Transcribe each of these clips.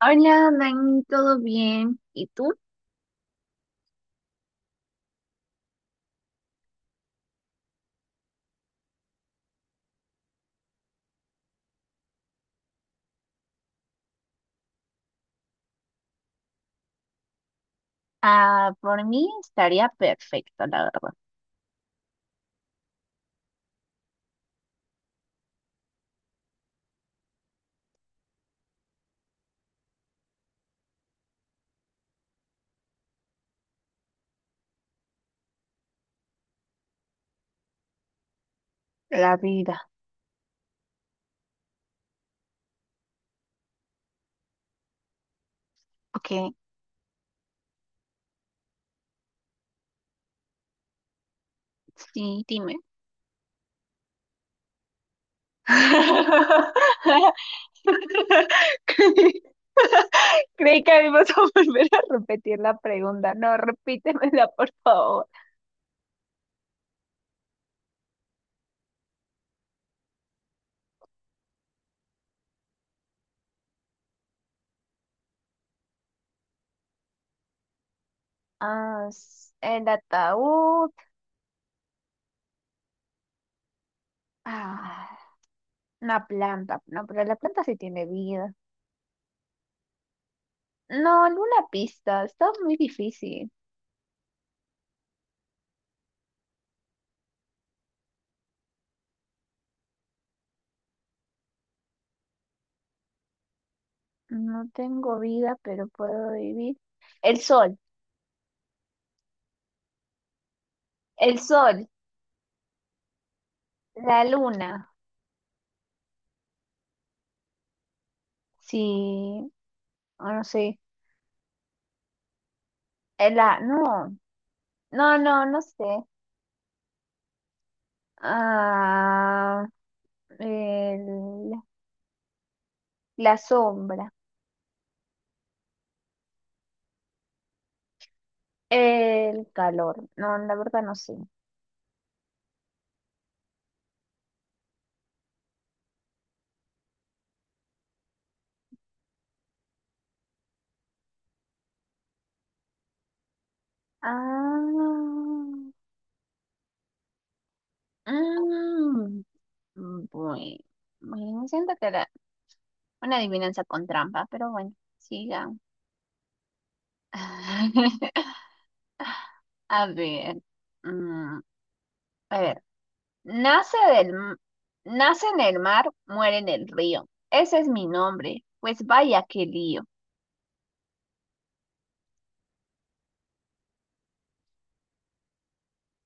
Hola, Dani, ¿todo bien? ¿Y tú? Ah, por mí estaría perfecto, la verdad. La vida. Ok, sí, dime. Creí creí que íbamos a volver a repetir la pregunta. No, repítemela, por favor. Ah, el ataúd. Ah, una planta. No, pero la planta sí tiene vida. No, alguna pista. Está muy difícil. No tengo vida, pero puedo vivir. El sol, el sol, la luna. Sí, o no sé. No, no sé. Ah, el- la sombra, el calor. No, la verdad no sé. Ah, mm, bueno, bueno, siento que era una adivinanza con trampa, pero bueno, sigan. A ver. mm, A ver, nace del, m- nace en el mar, muere en el río. Ese es mi nombre, pues vaya qué lío.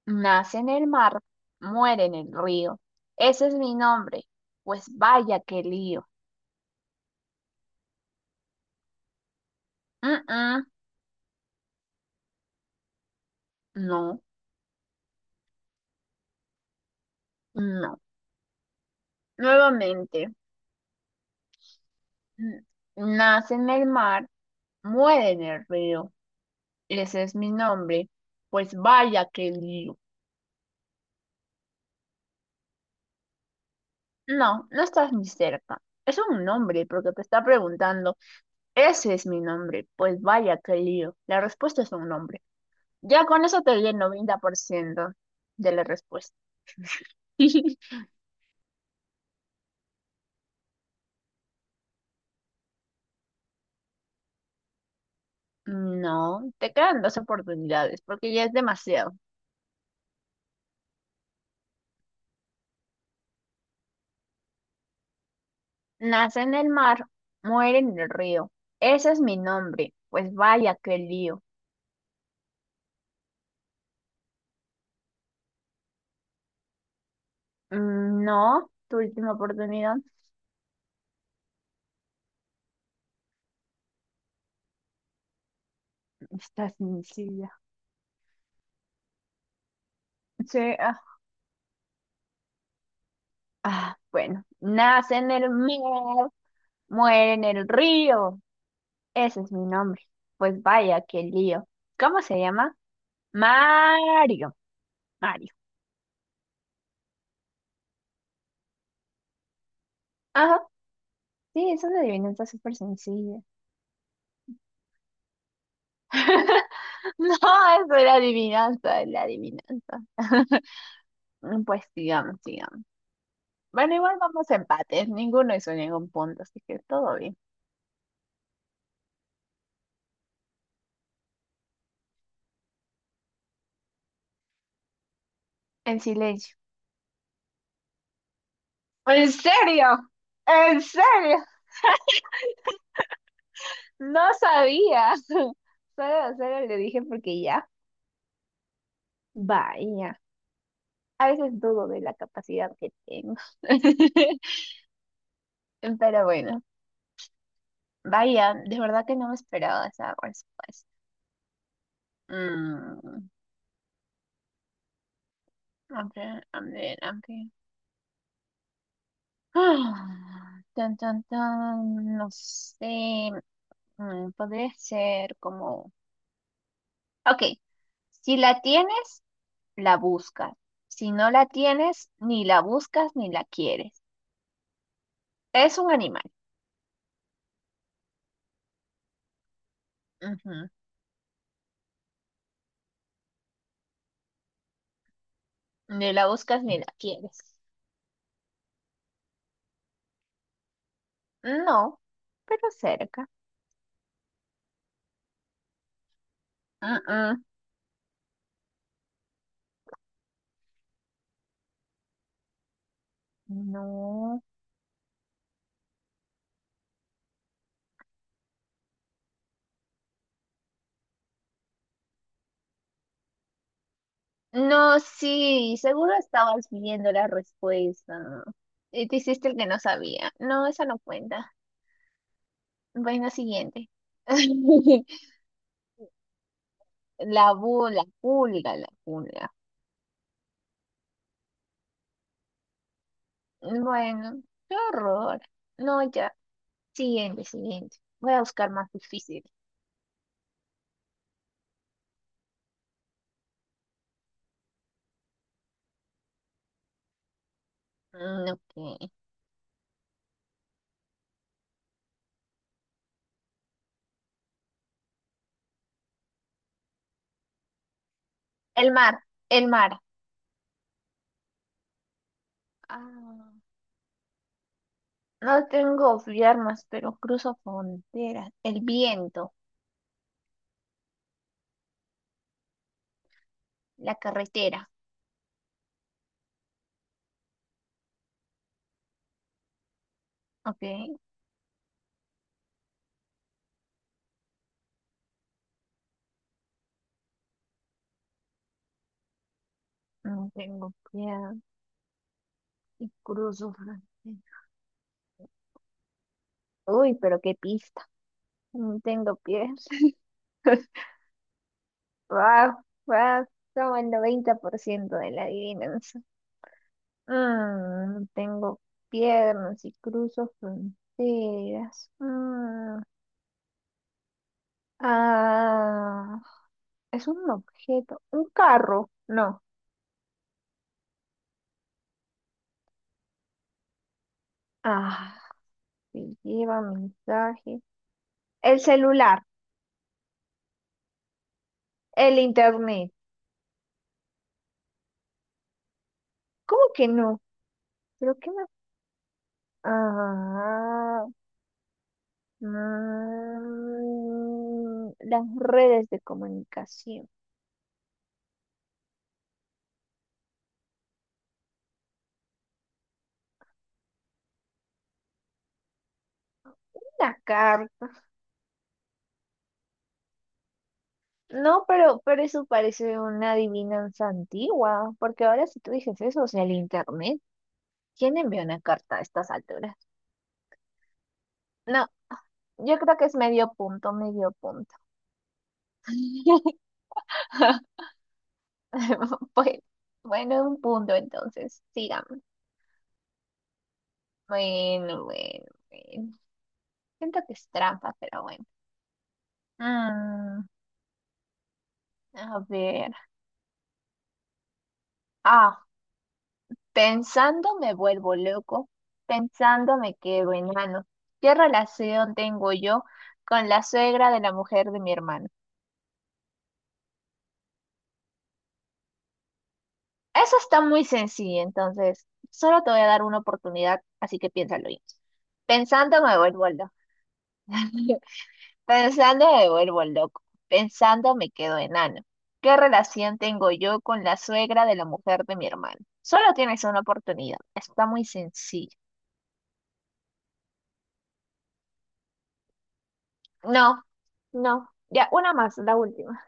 Nace en el mar, muere en el río. Ese es mi nombre, pues vaya qué lío. Mm, mm, no, no. Nuevamente, mm, nace en el mar, muere en el río. Ese es mi nombre, pues vaya qué lío. No, no estás ni cerca. Es un nombre porque te está preguntando. Ese es mi nombre. Pues vaya, qué lío. La respuesta es un nombre. Ya con eso te di el 90% de la respuesta. No, te quedan dos oportunidades porque ya es demasiado. Nace en el mar, muere en el río. Ese es mi nombre. Pues vaya, qué lío. No, tu última oportunidad. Estás sin silla. Sí, bueno. Nace en el mar, muere en el río. Ese es mi nombre. Pues vaya, qué lío. ¿Cómo se llama? Mario. Mario. Ajá. Sí, es una adivinanza súper sencilla. No, eso era adivinanza, es la adivinanza. Pues sigamos, sigamos. Bueno, igual vamos a empates. Ninguno hizo ningún punto, así que todo bien. En silencio. ¿En serio? ¿En serio? No sabía. Solo le dije porque ya. Vaya. A veces dudo de la capacidad que tengo. Pero bueno, vaya, de verdad que no me esperaba esa respuesta. Mm, a ver, a ver, a ver. Ah, tan, tan, tan, no sé. Podría ser como... Ok, si la tienes, la buscas. Si no la tienes, ni la buscas ni la quieres. Es un animal. Ujú. Ni la buscas ni la quieres. No, pero cerca. Mm, mm. No. No, sí, seguro estabas viendo la respuesta. Y te hiciste el que no sabía. No, esa no cuenta. Bueno, siguiente. La pulga, la pulga. Bueno, qué horror. No, ya. Siguiente, siguiente. Voy a buscar más difícil. Ok. El mar, el mar. Ah, no tengo armas, pero cruzo fronteras. El viento, la carretera. Ok. No tengo piedad y cruzo frontera. Uy, pero qué pista. No tengo pies. Wow, wow. Como el 90% de la adivinanza. No tengo piernas y cruzo fronteras. Ah, es un objeto. Un carro. No. Ah, que lleva mensaje. El celular. El internet. ¿Cómo que no? ¿Pero qué más? Ah, las redes de comunicación. La carta. No, pero eso parece una adivinanza antigua, porque ahora si tú dices eso, o sea, el internet, ¿quién envía una carta a estas alturas? No, yo creo que es medio punto, medio punto. Pues, bueno, un punto entonces, sigamos. Bueno, bueno, bueno. Siento que es trampa, pero bueno. Mm, a ver. Ah, pensando me vuelvo loco, pensando me quedo enano. ¿Qué relación tengo yo con la suegra de la mujer de mi hermano? Eso está muy sencillo, entonces solo te voy a dar una oportunidad, así que piénsalo bien. Pensando me vuelvo loco, pensando me vuelvo loco, pensando me quedo enano. ¿Qué relación tengo yo con la suegra de la mujer de mi hermano? Solo tienes una oportunidad, está muy sencillo. No, no, ya, una más, la última.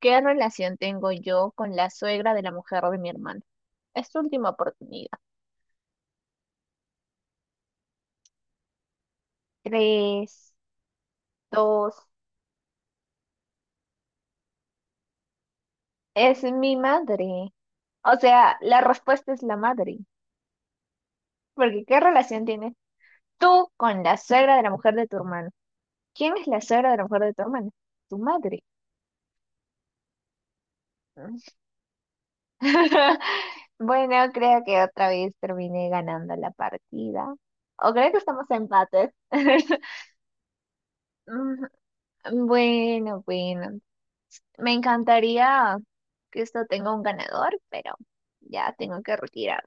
¿Qué relación tengo yo con la suegra de la mujer de mi hermano? Es tu última oportunidad. Tres, dos, es mi madre. O sea, la respuesta es la madre. Porque ¿qué relación tienes tú con la suegra de la mujer de tu hermano? ¿Quién es la suegra de la mujer de tu hermano? Tu madre. Bueno, creo que otra vez terminé ganando la partida. O creo que estamos a empates. Mm, Bueno, bueno. Me encantaría que esto tenga un ganador, pero ya tengo que retirar.